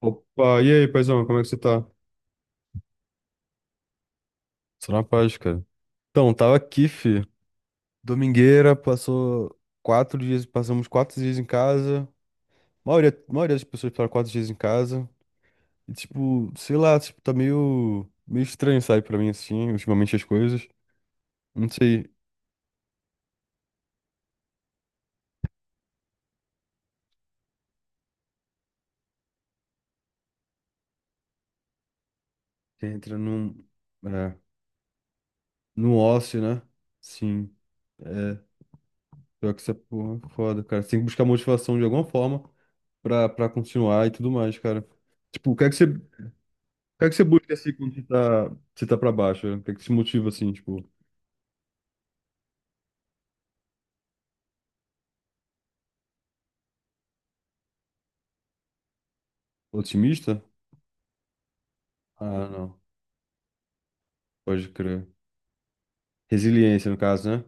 Opa, e aí, paizão, como é que você tá? Só na paz, cara. Então, tava aqui, fi. Domingueira, passou 4 dias, passamos 4 dias em casa. A maioria das pessoas passaram 4 dias em casa. E, tipo, sei lá, tipo, tá meio estranho, sabe, pra mim, assim, ultimamente as coisas. Não sei, você entra é, num ócio, né? Sim. É. Pior que essa porra é foda, cara. Você tem que buscar motivação de alguma forma pra continuar e tudo mais, cara. Tipo, o que é que você... O que é que você busca assim quando você tá pra baixo? O que é que te motiva assim, tipo, otimista? Ah, não. Pode crer. Resiliência, no caso, né?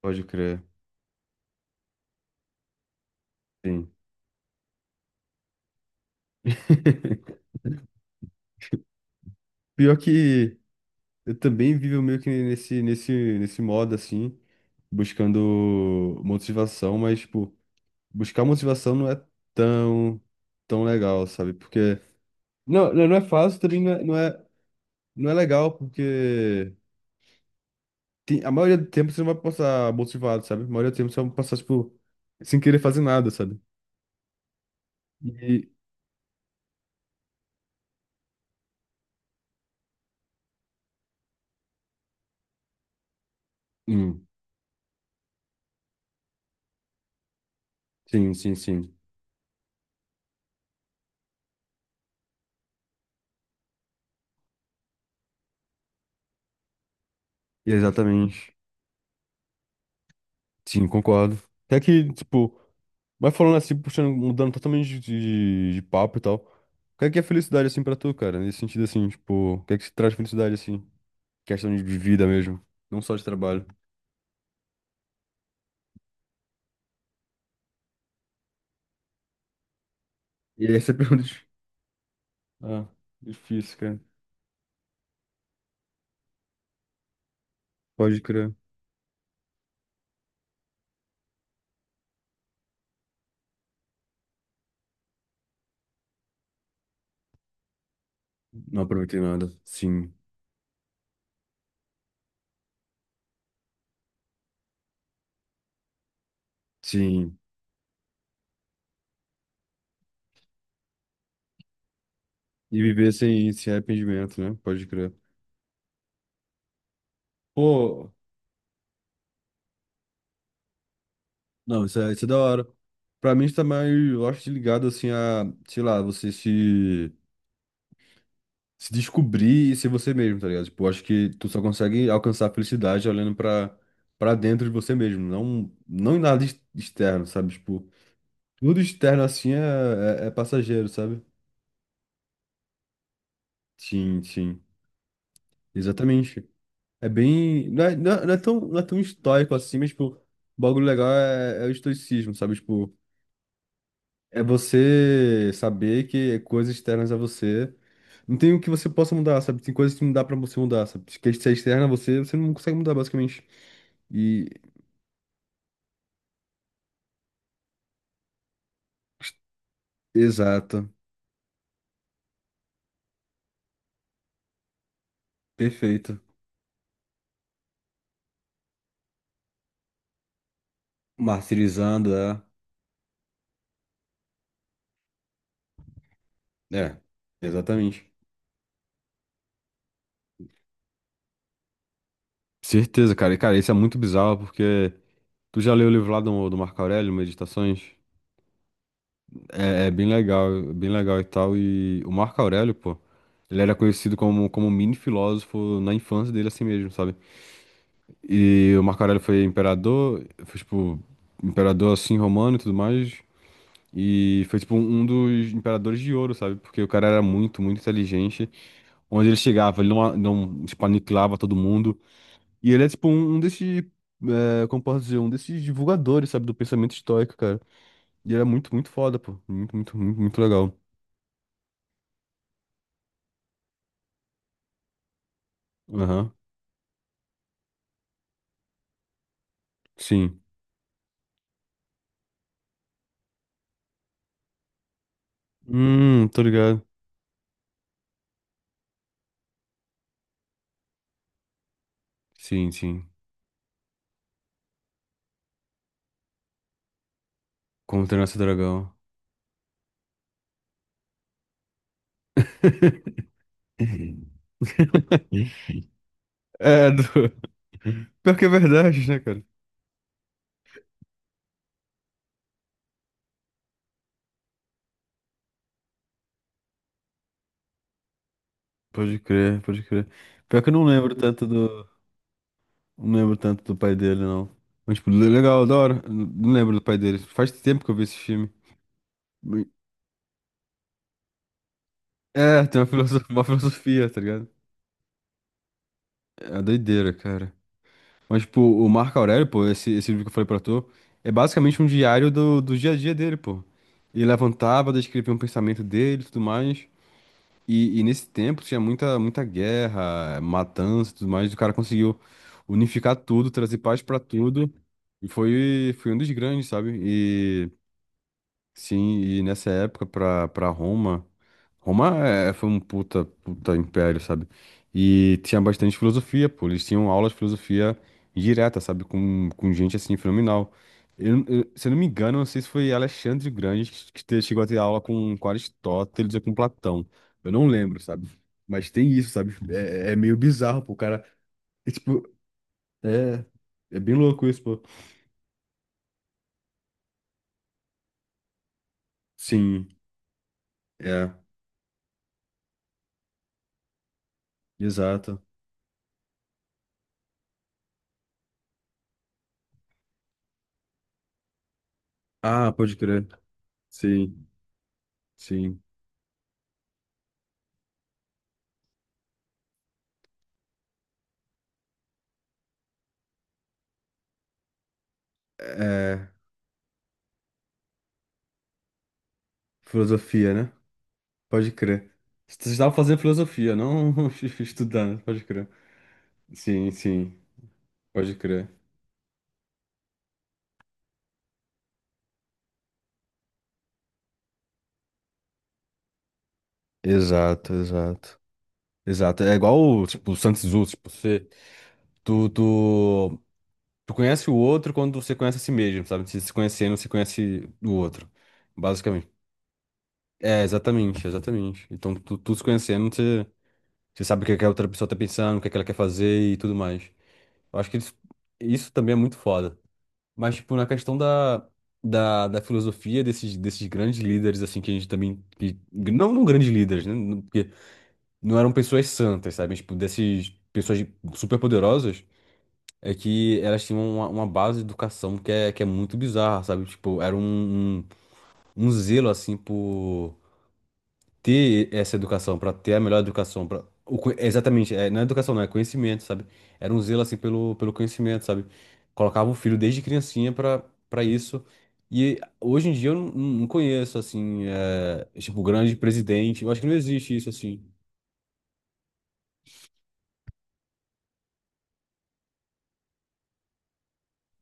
Pode crer. Sim. Pior que eu também vivo meio que nesse modo assim, buscando motivação, mas, tipo, buscar motivação não é tão, tão legal, sabe? Porque... Não, não é fácil, também não é legal, porque... A maioria do tempo você não vai passar motivado, sabe? A maioria do tempo você vai passar, tipo, sem querer fazer nada, sabe? E... Hum, sim, sim, sim. Exatamente. Sim, concordo. Até que, tipo, mas falando assim, puxando, mudando totalmente de papo e tal. O que é felicidade, assim, pra tu, cara? Nesse sentido, assim, tipo, o que é que se traz felicidade, assim? Questão de vida mesmo, não só de trabalho. E aí você pergunta. Ah, difícil, cara. Pode crer. Não aproveitei nada. Sim, sim. E viver sem arrependimento, né? Pode crer. Pô, não, isso é da hora. Pra mim, está mais, eu acho, que ligado, assim, a, sei lá, você se descobrir e ser você mesmo, tá ligado? Tipo, eu acho que tu só consegue alcançar a felicidade olhando pra dentro de você mesmo, não em nada externo, sabe? Tipo, tudo externo, assim, é passageiro, sabe? Sim, sim, exatamente. É bem, não é não é tão estoico assim, mas, tipo, o bagulho legal é o estoicismo, sabe? Tipo... É você saber que coisas externas a você. Não tem o que você possa mudar, sabe? Tem coisas que não dá pra você mudar, sabe? Que se é externa a você, você não consegue mudar, basicamente. E... Exato. Perfeito. Martirizando, é. É, exatamente. Certeza, cara. E, cara, isso é muito bizarro, porque... Tu já leu o livro lá do Marco Aurélio, Meditações? É bem legal e tal. E o Marco Aurélio, pô, ele era conhecido como mini filósofo na infância dele, assim mesmo, sabe? E o Marco Aurélio foi imperador, foi tipo, imperador assim romano e tudo mais. E foi tipo um dos imperadores de ouro, sabe? Porque o cara era muito, muito inteligente. Onde ele chegava, ele não tipo, aniquilava todo mundo. E ele é tipo um desses, é, como posso dizer, um desses divulgadores, sabe? Do pensamento estoico, cara. E ele era muito, muito foda, pô. Muito, muito, muito, muito legal. Aham. Sim. Tô ligado. Sim, sim. Como treinar seu dragão. É, do... Pior que é verdade, né, cara? Pode crer, pode crer. Pior que eu não lembro tanto do... Não lembro tanto do pai dele, não. Mas, tipo, legal, da hora. Não lembro do pai dele. Faz tempo que eu vi esse filme. É, tem uma filosofia, tá ligado? É doideira, cara. Mas, tipo, o Marco Aurélio, pô, esse livro que eu falei pra tu, é basicamente um diário do dia a dia dele, pô. Ele levantava, descrevia um pensamento dele e tudo mais. E nesse tempo tinha muita, muita guerra, matança e tudo mais, e o cara conseguiu unificar tudo, trazer paz pra tudo, e foi um dos grandes, sabe? Sim, e nessa época pra Roma, Roma foi um puta, puta império, sabe? E tinha bastante filosofia, pô. Eles tinham aulas de filosofia direta, sabe? Com gente assim, fenomenal. Se eu não me engano, não sei se foi Alexandre o Grande que chegou a ter aula com Aristóteles ou com Platão. Eu não lembro, sabe? Mas tem isso, sabe? É meio bizarro, pô. O cara... É, tipo, é, é bem louco isso, pô. Sim, é, exato. Ah, pode crer. Sim. Sim. É, filosofia, né? Pode crer. Você estava fazendo filosofia, não estudando, pode crer. Sim, sim, pode crer. Exato, exato. Exato. É igual, tipo, o Sun Tzu, tipo, tu, tu, tu conhece o outro quando você conhece a si mesmo, sabe? Se conhecendo, você conhece o outro, basicamente. É, exatamente, exatamente. Então, tu se conhecendo, você, você sabe o que é que a outra pessoa tá pensando, o que é que ela quer fazer e tudo mais. Eu acho que isso também é muito foda. Mas, tipo, na questão da filosofia desses grandes líderes, assim, que a gente também. Que, não grandes líderes, né? Porque não eram pessoas santas, sabe? Tipo, dessas pessoas super poderosas, é que elas tinham uma base de educação que é muito bizarra, sabe? Tipo, era um zelo, assim, por ter essa educação, para ter a melhor educação, para... Exatamente, é, não é educação, não, é conhecimento, sabe? Era um zelo assim pelo conhecimento, sabe? Colocava o filho desde criancinha para isso. E hoje em dia eu não conheço assim, é, tipo, grande presidente, eu acho que não existe isso assim.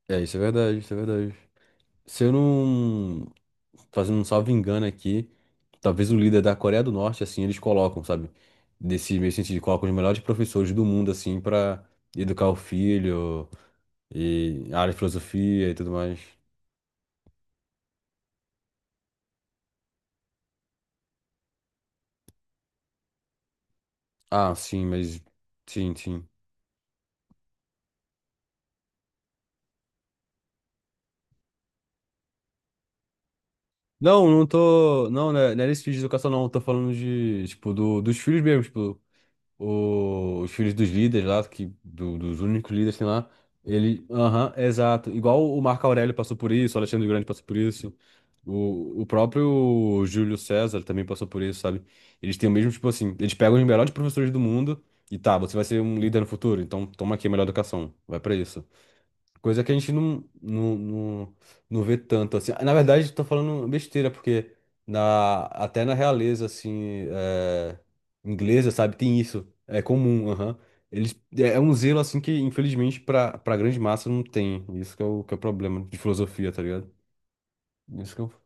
É, isso é verdade, isso é verdade. Se eu não fazendo um salvo engano aqui, talvez o líder da Coreia do Norte assim, eles colocam, sabe? Desse mesmo sentido, colocam os melhores professores do mundo assim para educar o filho. E a área de filosofia e tudo mais. Ah, sim, mas... Sim, sim. Não, não tô. Não, né, não é nesse vídeo de educação, não. Eu tô falando de... Tipo, dos filhos mesmo. Tipo, os filhos dos líderes lá, que, dos únicos líderes que tem lá. Ele. Aham, exato. Igual o Marco Aurélio passou por isso, o Alexandre o Grande passou por isso. O próprio Júlio César também passou por isso, sabe? Eles têm o mesmo, tipo assim, eles pegam os melhores professores do mundo e tá, você vai ser um líder no futuro, então toma aqui a melhor educação. Vai pra isso. Coisa que a gente não vê tanto, assim. Na verdade, tô falando besteira, porque... Até na realeza, assim, é, inglesa, sabe, tem isso. É comum, aham. Eles, é um zelo, assim, que infelizmente pra grande massa não tem. Isso que é o problema de filosofia, tá ligado? Isso que é o...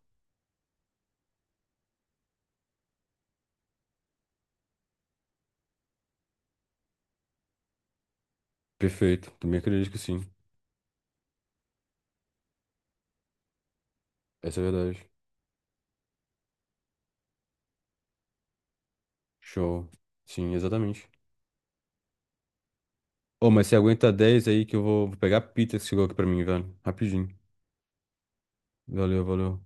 Perfeito. Também acredito que sim. Essa é a verdade. Show. Sim, exatamente. Ô, mas você aguenta 10 aí que eu vou pegar a pizza que chegou aqui pra mim, velho. Rapidinho. Valeu, valeu.